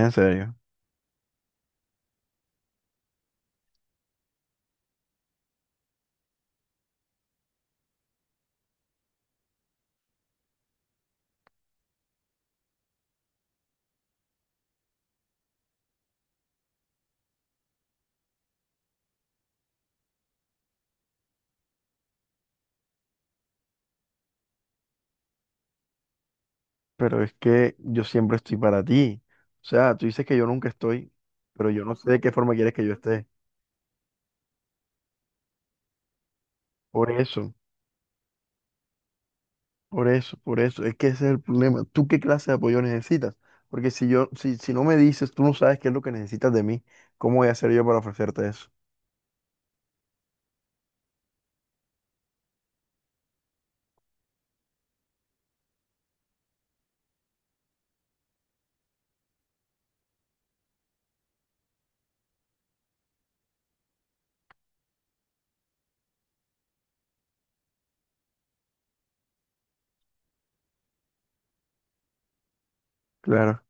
En serio, pero es que yo siempre estoy para ti. O sea, tú dices que yo nunca estoy, pero yo no sé de qué forma quieres que yo esté. Por eso, por eso, por eso. Es que ese es el problema. ¿Tú qué clase de apoyo necesitas? Porque si yo, si, si no me dices, tú no sabes qué es lo que necesitas de mí, ¿cómo voy a hacer yo para ofrecerte eso? Claro.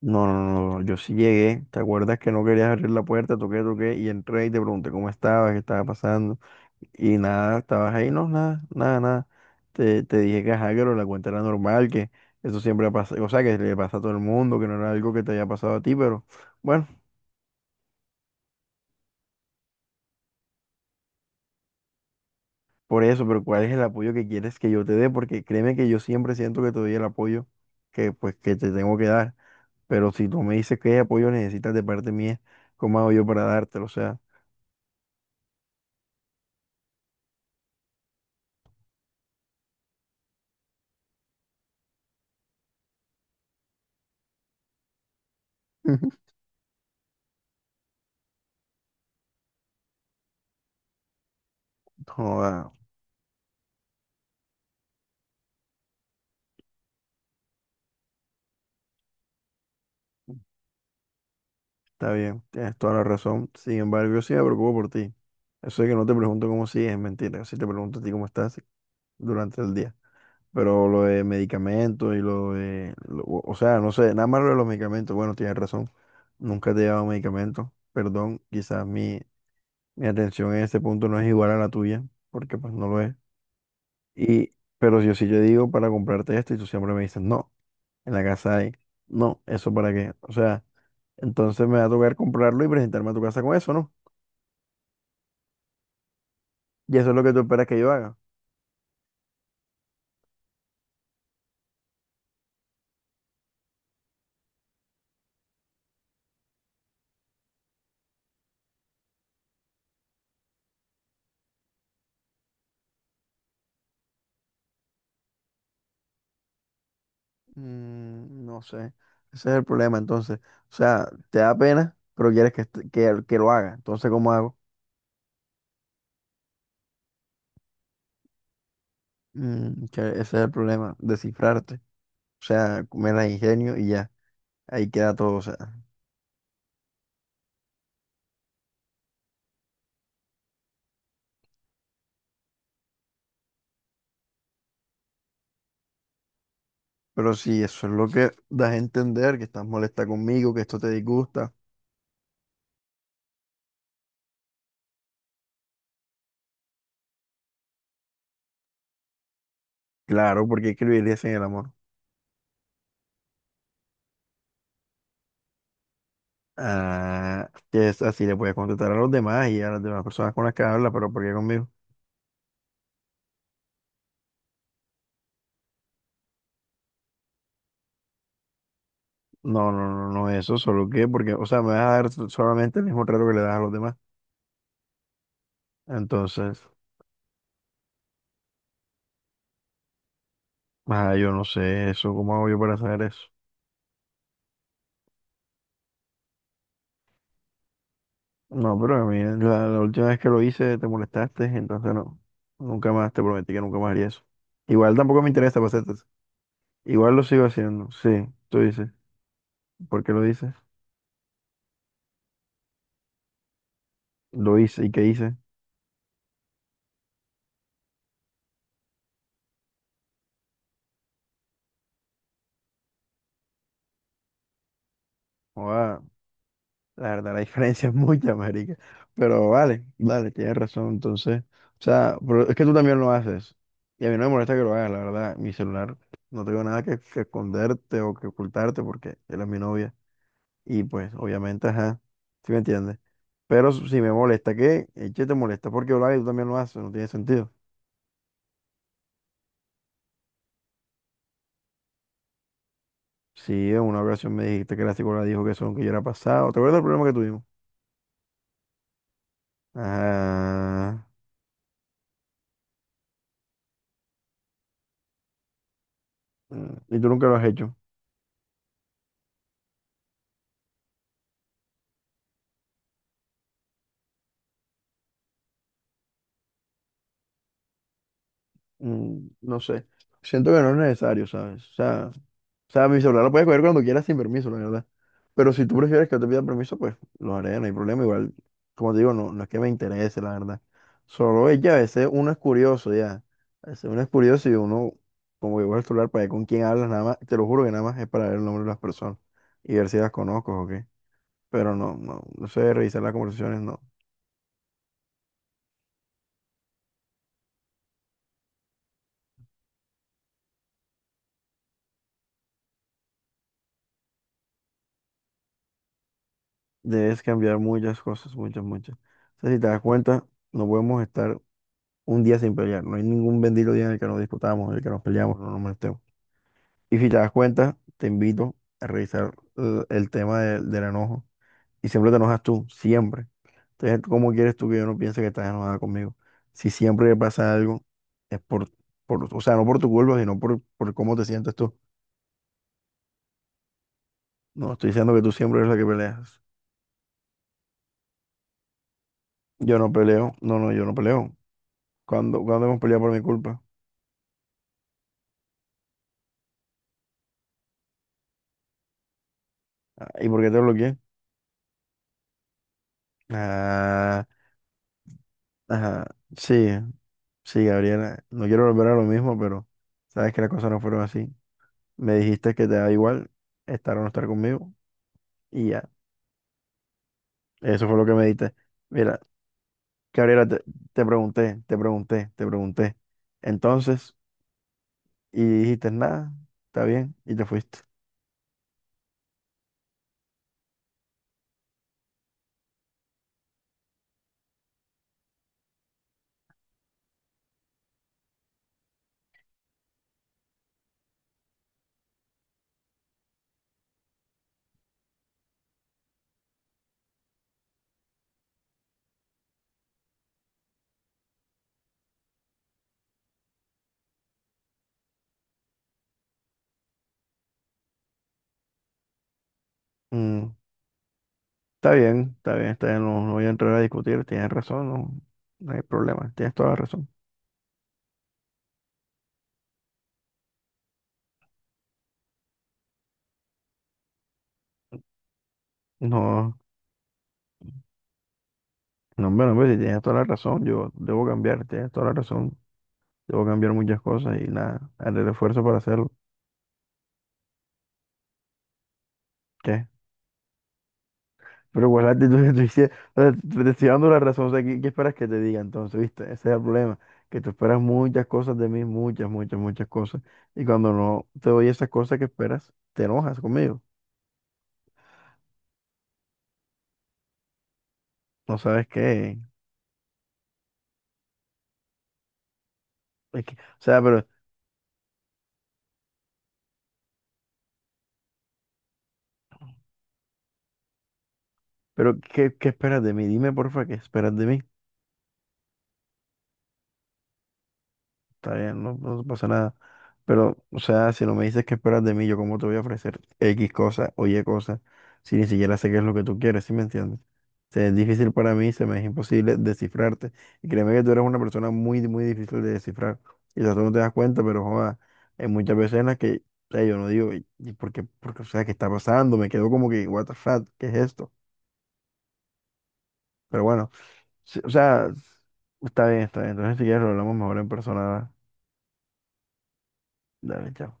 No, no, no, no, yo sí llegué. ¿Te acuerdas que no querías abrir la puerta? Toqué, toqué y entré y te pregunté cómo estabas, qué estaba pasando. Y nada, estabas ahí, no, nada, nada, nada. Te dije que ajá, que lo de la cuenta era normal, que eso siempre pasa, o sea, que le pasa a todo el mundo, que no era algo que te haya pasado a ti, pero bueno, por eso, pero ¿cuál es el apoyo que quieres que yo te dé? Porque créeme que yo siempre siento que te doy el apoyo que pues que te tengo que dar, pero si tú me dices qué apoyo necesitas de parte mía, ¿cómo hago yo para dártelo? O sea, joda, está bien, tienes toda la razón. Sin embargo, yo sí me preocupo por ti. Eso de que no te pregunto cómo sigues es mentira. Si te pregunto a ti cómo estás, durante el día. Pero lo de medicamentos y lo de, o sea, no sé, nada más lo de los medicamentos. Bueno, tienes razón. Nunca te he llevado medicamentos. Perdón, quizás mi, mi atención en este punto no es igual a la tuya, porque pues no lo es. Y, pero yo sí yo digo para comprarte esto y tú siempre me dices, no, en la casa hay, no, ¿eso para qué? O sea, entonces me va a tocar comprarlo y presentarme a tu casa con eso, ¿no? Y eso es lo que tú esperas que yo haga. Mm, no sé. Ese es el problema, entonces. O sea, te da pena, pero quieres que, que lo haga. Entonces, ¿cómo hago? Mm, que ese es el problema, descifrarte. O sea, me la ingenio y ya. Ahí queda todo. O sea, pero si eso es lo que das a entender, que estás molesta conmigo, que esto te disgusta. Claro, porque escribirías en el amor. Ah, que es así, le puedes contestar a los demás y a las demás personas con las que hablas, pero ¿por qué conmigo? No, no, no, no, eso, solo que, porque, o sea, me vas a dar solamente el mismo trato que le das a los demás. Entonces, ah, yo no sé eso, ¿cómo hago yo para saber eso? No, pero a mí la última vez que lo hice te molestaste, entonces no, nunca más, te prometí que nunca más haría eso. Igual tampoco me interesa, pues, entonces, igual lo sigo haciendo, sí, tú dices. ¿Por qué lo dices? Lo hice, ¿y qué hice? Joda, la verdad, la diferencia es mucha, marica. Pero vale, vale, tienes razón, entonces, o sea, pero es que tú también lo haces. Y a mí no me molesta que lo hagas, la verdad, mi celular, no tengo nada que esconderte o que ocultarte porque él es mi novia. Y pues, obviamente, ajá, ¿sí me entiendes? Pero si me molesta, ¿qué? Eche te molesta porque Olave tú también lo haces, no tiene sentido. Sí, en una ocasión me dijiste que la psicóloga dijo que eso nunca yo era pasado. ¿Te acuerdas del problema que tuvimos? Ajá. Mm, y tú nunca lo has hecho. Mm, no sé. Siento que no es necesario, ¿sabes? O sea, o sea, mi celular lo puedes coger cuando quieras sin permiso, la verdad. Pero si tú prefieres que yo te pida permiso, pues lo haré, no hay problema. Igual, como te digo, no, no es que me interese, la verdad. Solo es que a veces uno es curioso, ya. A veces uno es curioso y uno, como que coge el celular para ver con quién hablas, nada más, te lo juro que nada más es para ver el nombre de las personas y ver si las conozco o qué. Pero no, no, no sé, revisar las conversaciones, no. Debes cambiar muchas cosas, muchas, muchas. O sea, si te das cuenta, no podemos estar un día sin pelear. No hay ningún bendito día en el que nos disputamos, en el que nos peleamos, no nos molestemos. Y si te das cuenta, te invito a revisar el tema del enojo. Y siempre te enojas tú, siempre. Entonces, ¿cómo quieres tú que yo no piense que estás enojada conmigo? Si siempre que pasa algo, es por, o sea, no por tu culpa, sino por cómo te sientes tú. No, estoy diciendo que tú siempre eres la que peleas. Yo no peleo, no, no, yo no peleo. ¿Cuándo hemos peleado por mi culpa? Ah, ¿y por qué te bloqueé? Ah, ajá, sí, sí, Gabriela. No quiero volver a lo mismo, pero sabes que las cosas no fueron así. Me dijiste que te da igual estar o no estar conmigo y ya. Eso fue lo que me diste. Mira, Gabriela, te, te pregunté. Entonces, y dijiste nada, está bien, y te fuiste. Mm, está bien, está bien, está bien, no, no voy a entrar a discutir, tienes razón, no, no hay problema, tienes toda la razón. No, no, hombre, no, hombre, si tienes toda la razón, yo debo cambiar, tienes toda la razón, debo cambiar muchas cosas y nada, haré el esfuerzo para hacerlo. ¿Qué? Pero igual la actitud que tú hiciste, o sea, te estoy dando la razón, o sea, ¿qué, qué esperas que te diga entonces, viste? Ese es el problema, que tú esperas muchas cosas de mí, muchas, muchas, muchas cosas, y cuando no te doy esas cosas que esperas, te enojas conmigo, no sabes qué, o sea, pero ¿qué, qué esperas de mí? Dime, porfa, ¿qué esperas de mí? Está bien, no, no pasa nada. Pero, o sea, si no me dices qué esperas de mí, yo cómo te voy a ofrecer X cosa o Y cosa, si ni siquiera sé qué es lo que tú quieres, ¿sí me entiendes? Se es difícil para mí, se me es imposible descifrarte. Y créeme que tú eres una persona muy, muy difícil de descifrar. Quizás tú no te das cuenta, pero joda, hay muchas veces en las que, o sea, yo no digo, ¿y por qué? Porque, o sea, ¿qué está pasando? Me quedo como que, what the fuck, ¿qué es esto? Pero bueno, sí, o sea, está bien, está bien. Entonces, si quieres, lo hablamos mejor en persona. Dale, chao.